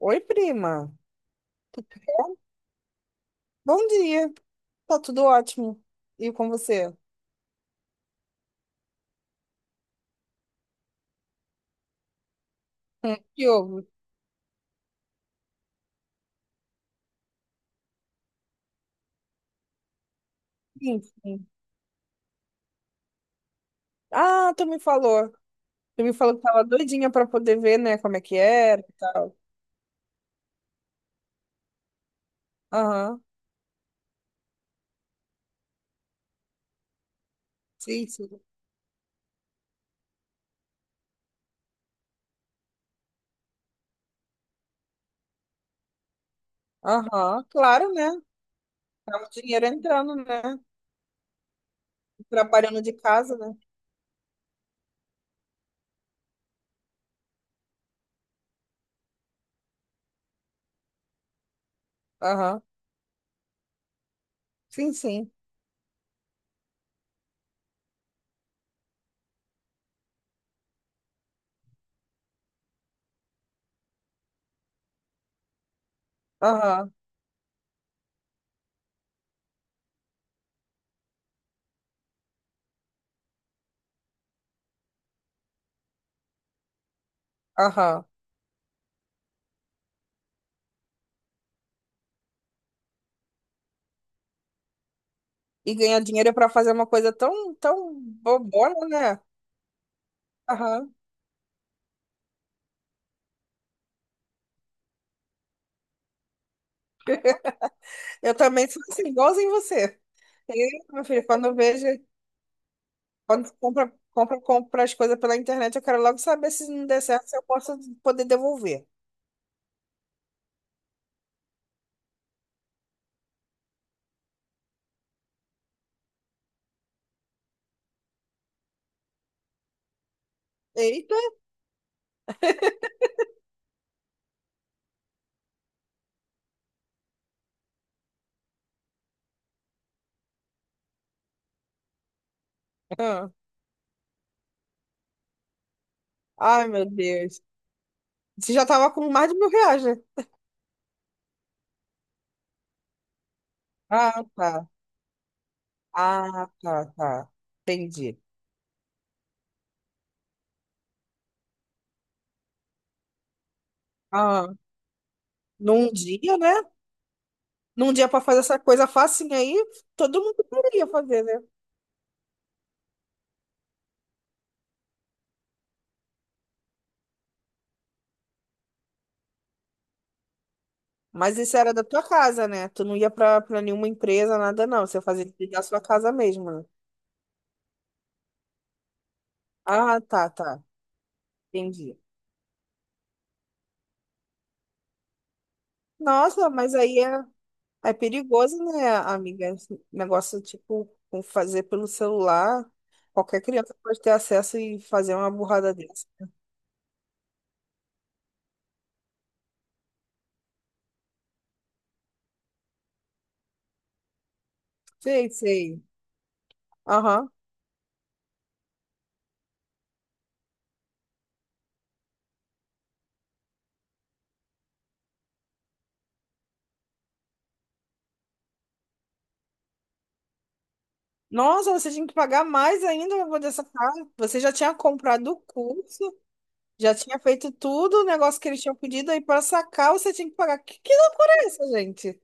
Oi, prima. Bom dia. Tá tudo ótimo. E com você? Que houve? Sim, sim. Ah, Tu me falou que tava doidinha pra poder ver, né, como é que era e tal. Aham. Sim, sim. Aham. Claro, né? Tava o dinheiro entrando, né? Trabalhando de casa, né? Aham. Sim, sim. Aham. Aham. E ganhar dinheiro pra fazer uma coisa tão, tão bobona, né? Aham. Eu também sou assim, igualzinho você. E, meu filho, quando eu vejo. Quando compra as coisas pela internet, eu quero logo saber se não der certo, se eu posso poder devolver. Eita! Ah. Ai, meu Deus. Você já tava com mais de R$ 1.000, né? Ah, tá. Ah, tá, tá. Entendi. Ah, num dia, né? Num dia pra fazer essa coisa facinha aí, todo mundo poderia fazer, né? Mas isso era da tua casa, né? Tu não ia pra, pra nenhuma empresa, nada não. Você fazia da sua casa mesmo, né? Ah, tá, tá. Entendi. Nossa, mas aí é. É perigoso, né, amiga? Esse negócio, tipo, com fazer pelo celular. Qualquer criança pode ter acesso e fazer uma burrada dessa. Sei, sei. Aham. Nossa, você tinha que pagar mais ainda pra poder sacar. Você já tinha comprado o curso, já tinha feito tudo o negócio que eles tinham pedido, aí para sacar você tinha que pagar. Que loucura é essa, gente?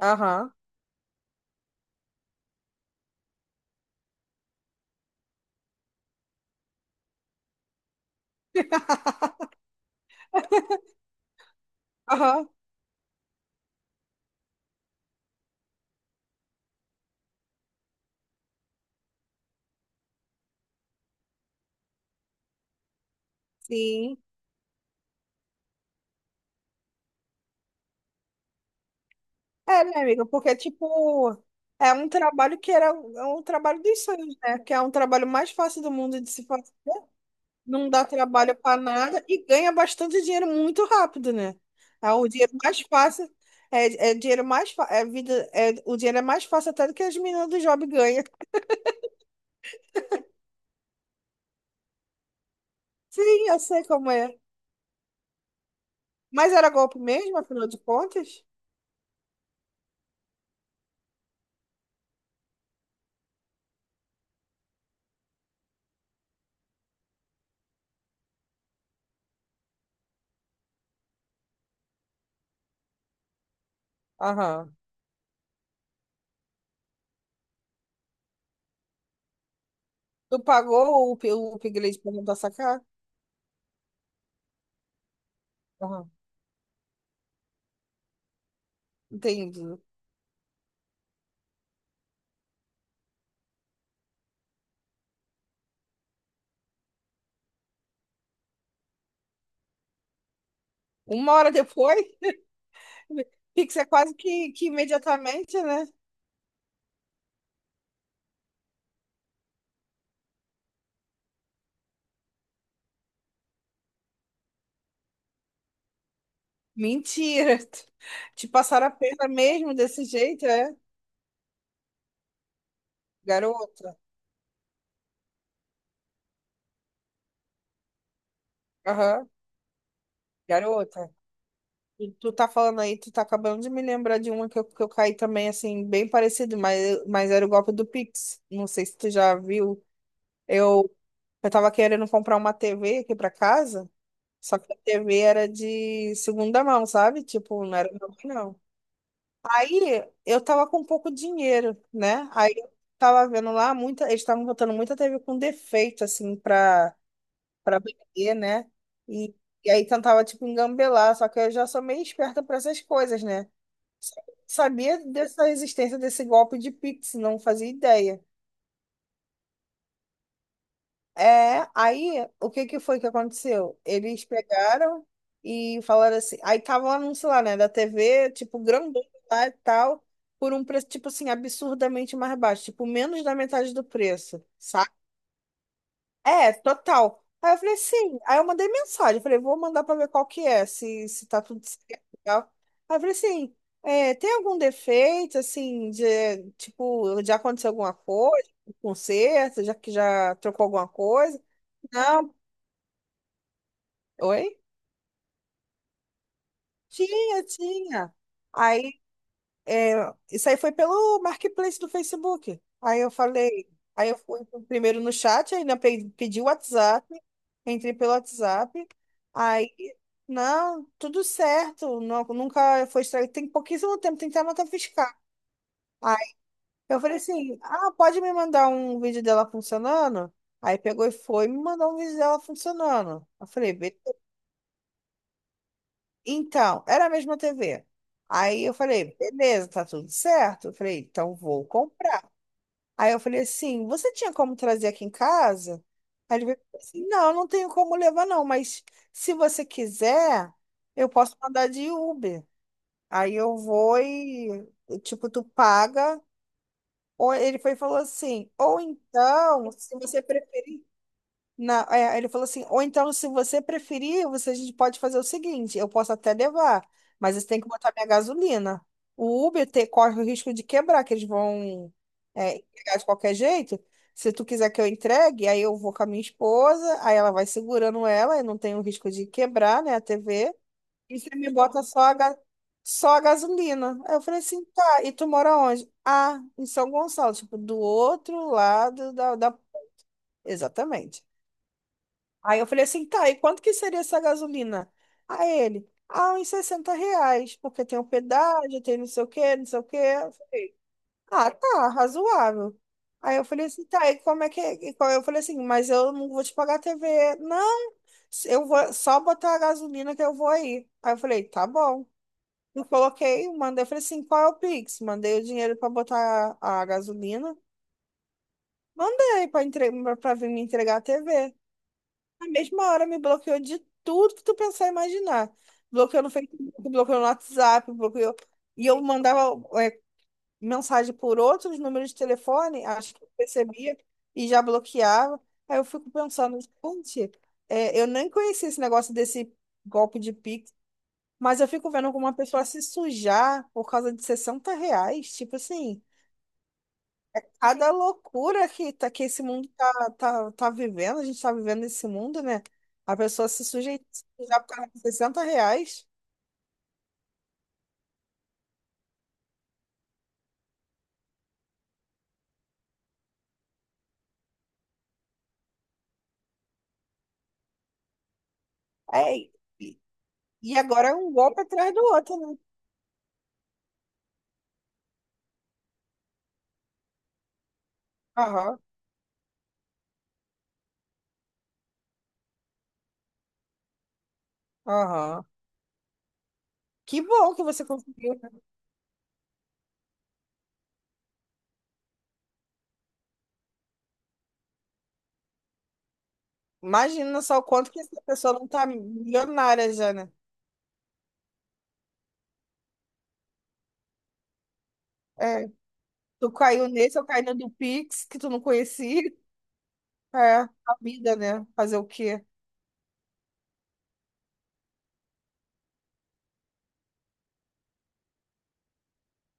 Aham. Aham. Sim. É, minha amiga, porque, tipo, é um trabalho que era um é um trabalho dos sonhos, né? Que é um trabalho mais fácil do mundo de se fazer, não dá trabalho para nada e ganha bastante dinheiro muito rápido, né? É o dinheiro mais fácil, é dinheiro é vida, é, o dinheiro é mais fácil até do que as meninas do job ganham. Sim, eu sei como é. Mas era golpe mesmo, afinal de contas? Aham. Tu pagou o, o upgrade pra não dar sacar? Aham. Entendi. Uma hora depois? Pix é quase que imediatamente, né? Mentira. Te passaram a perna mesmo desse jeito, é? Garota. Aham, garota. E tu tá falando aí, tu tá acabando de me lembrar de uma que eu caí também, assim, bem parecido, mas era o golpe do Pix. Não sei se tu já viu. Eu, eu tava querendo comprar uma TV aqui pra casa, só que a TV era de segunda mão, sabe? Tipo, não era nova, não. Aí eu tava com pouco dinheiro, né? Aí eu tava vendo lá, eles estavam botando muita TV com defeito, assim, pra vender, né? E, e aí tentava, tipo, engambelar, só que eu já sou meio esperta pra essas coisas, né? Sabia dessa existência desse golpe de Pix, não fazia ideia. É, aí o que que foi que aconteceu? Eles pegaram e falaram assim, aí tava o anúncio lá, né, da TV, tipo, grandão lá e tal, por um preço, tipo assim, absurdamente mais baixo, tipo, menos da metade do preço, sabe? É, total. Aí eu falei, sim. Aí eu mandei mensagem, falei, vou mandar pra ver qual que é, se tá tudo certo e tal. Aí eu falei assim, é, tem algum defeito, assim, de, tipo, já aconteceu alguma coisa, um conserto, já que já trocou alguma coisa? Não. Oi? Tinha, tinha. Aí, é, isso aí foi pelo Marketplace do Facebook. Aí eu falei, aí eu fui primeiro no chat, aí ainda pedi o WhatsApp, entrei pelo WhatsApp. Aí, não, tudo certo, não, nunca foi estragado. Tem pouquíssimo tempo, tem que ter a nota fiscal. Aí eu falei assim, ah, pode me mandar um vídeo dela funcionando? Aí pegou e foi e me mandou um vídeo dela funcionando. Eu falei, beleza. Então, era a mesma TV. Aí eu falei, beleza, tá tudo certo. Eu falei, então vou comprar. Aí eu falei assim, você tinha como trazer aqui em casa? Aí ele veio e falou assim, não, não tenho como levar não, mas se você quiser, eu posso mandar de Uber. Aí eu vou e, tipo, tu paga. Ou ele foi e falou assim, ou então, se você preferir, ele falou assim, ou então, se você preferir, você, a gente pode fazer o seguinte, eu posso até levar, mas você tem que botar minha gasolina. O Uber corre o risco de quebrar, que eles vão entregar de qualquer jeito. Se tu quiser que eu entregue, aí eu vou com a minha esposa, aí ela vai segurando ela, e não tem o risco de quebrar, né, a TV. E você me bota só a, só a gasolina. Aí eu falei assim, tá, e tu mora onde? Ah, em São Gonçalo, tipo, do outro lado da... da... Exatamente. Aí eu falei assim, tá, e quanto que seria essa gasolina? Aí ele, ah, uns R$ 60, porque tem pedágio, tem não sei o quê, não sei o quê. Eu falei, ah, tá, razoável. Aí eu falei assim, tá, e como é que é? E Eu falei assim, mas eu não vou te pagar a TV. Não, eu vou só botar a gasolina que eu vou aí. Aí eu falei, tá bom. Eu coloquei, mandei, eu falei assim, qual é o Pix? Mandei o dinheiro para botar a, gasolina. Mandei para entre... para vir me entregar a TV. Na mesma hora me bloqueou de tudo que tu pensar e imaginar. Bloqueou no Facebook, bloqueou no WhatsApp, bloqueou. E eu mandava mensagem por outros números de telefone, acho que eu percebia, e já bloqueava. Aí eu fico pensando, gente, é, eu nem conhecia esse negócio desse golpe de Pix, mas eu fico vendo como uma pessoa se sujar por causa de R$ 60. Tipo assim, cada loucura que, tá, que esse mundo tá, tá vivendo, a gente tá vivendo esse mundo, né? A pessoa se sujar por causa de R$ 60. É, e e agora é um golpe atrás do outro, né? Aham, aham. Que bom que você conseguiu, né? Imagina só o quanto que essa pessoa não tá milionária já, né? É, tu caiu nesse, eu caí no do Pix, que tu não conhecia. É, a vida, né? Fazer o quê?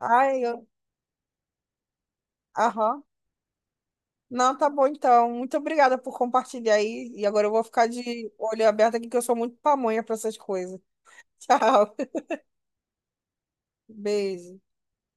Ai, eu... Aham. Não, tá bom então. Muito obrigada por compartilhar aí. E agora eu vou ficar de olho aberto aqui, que eu sou muito pamonha para essas coisas. Tchau. Beijo.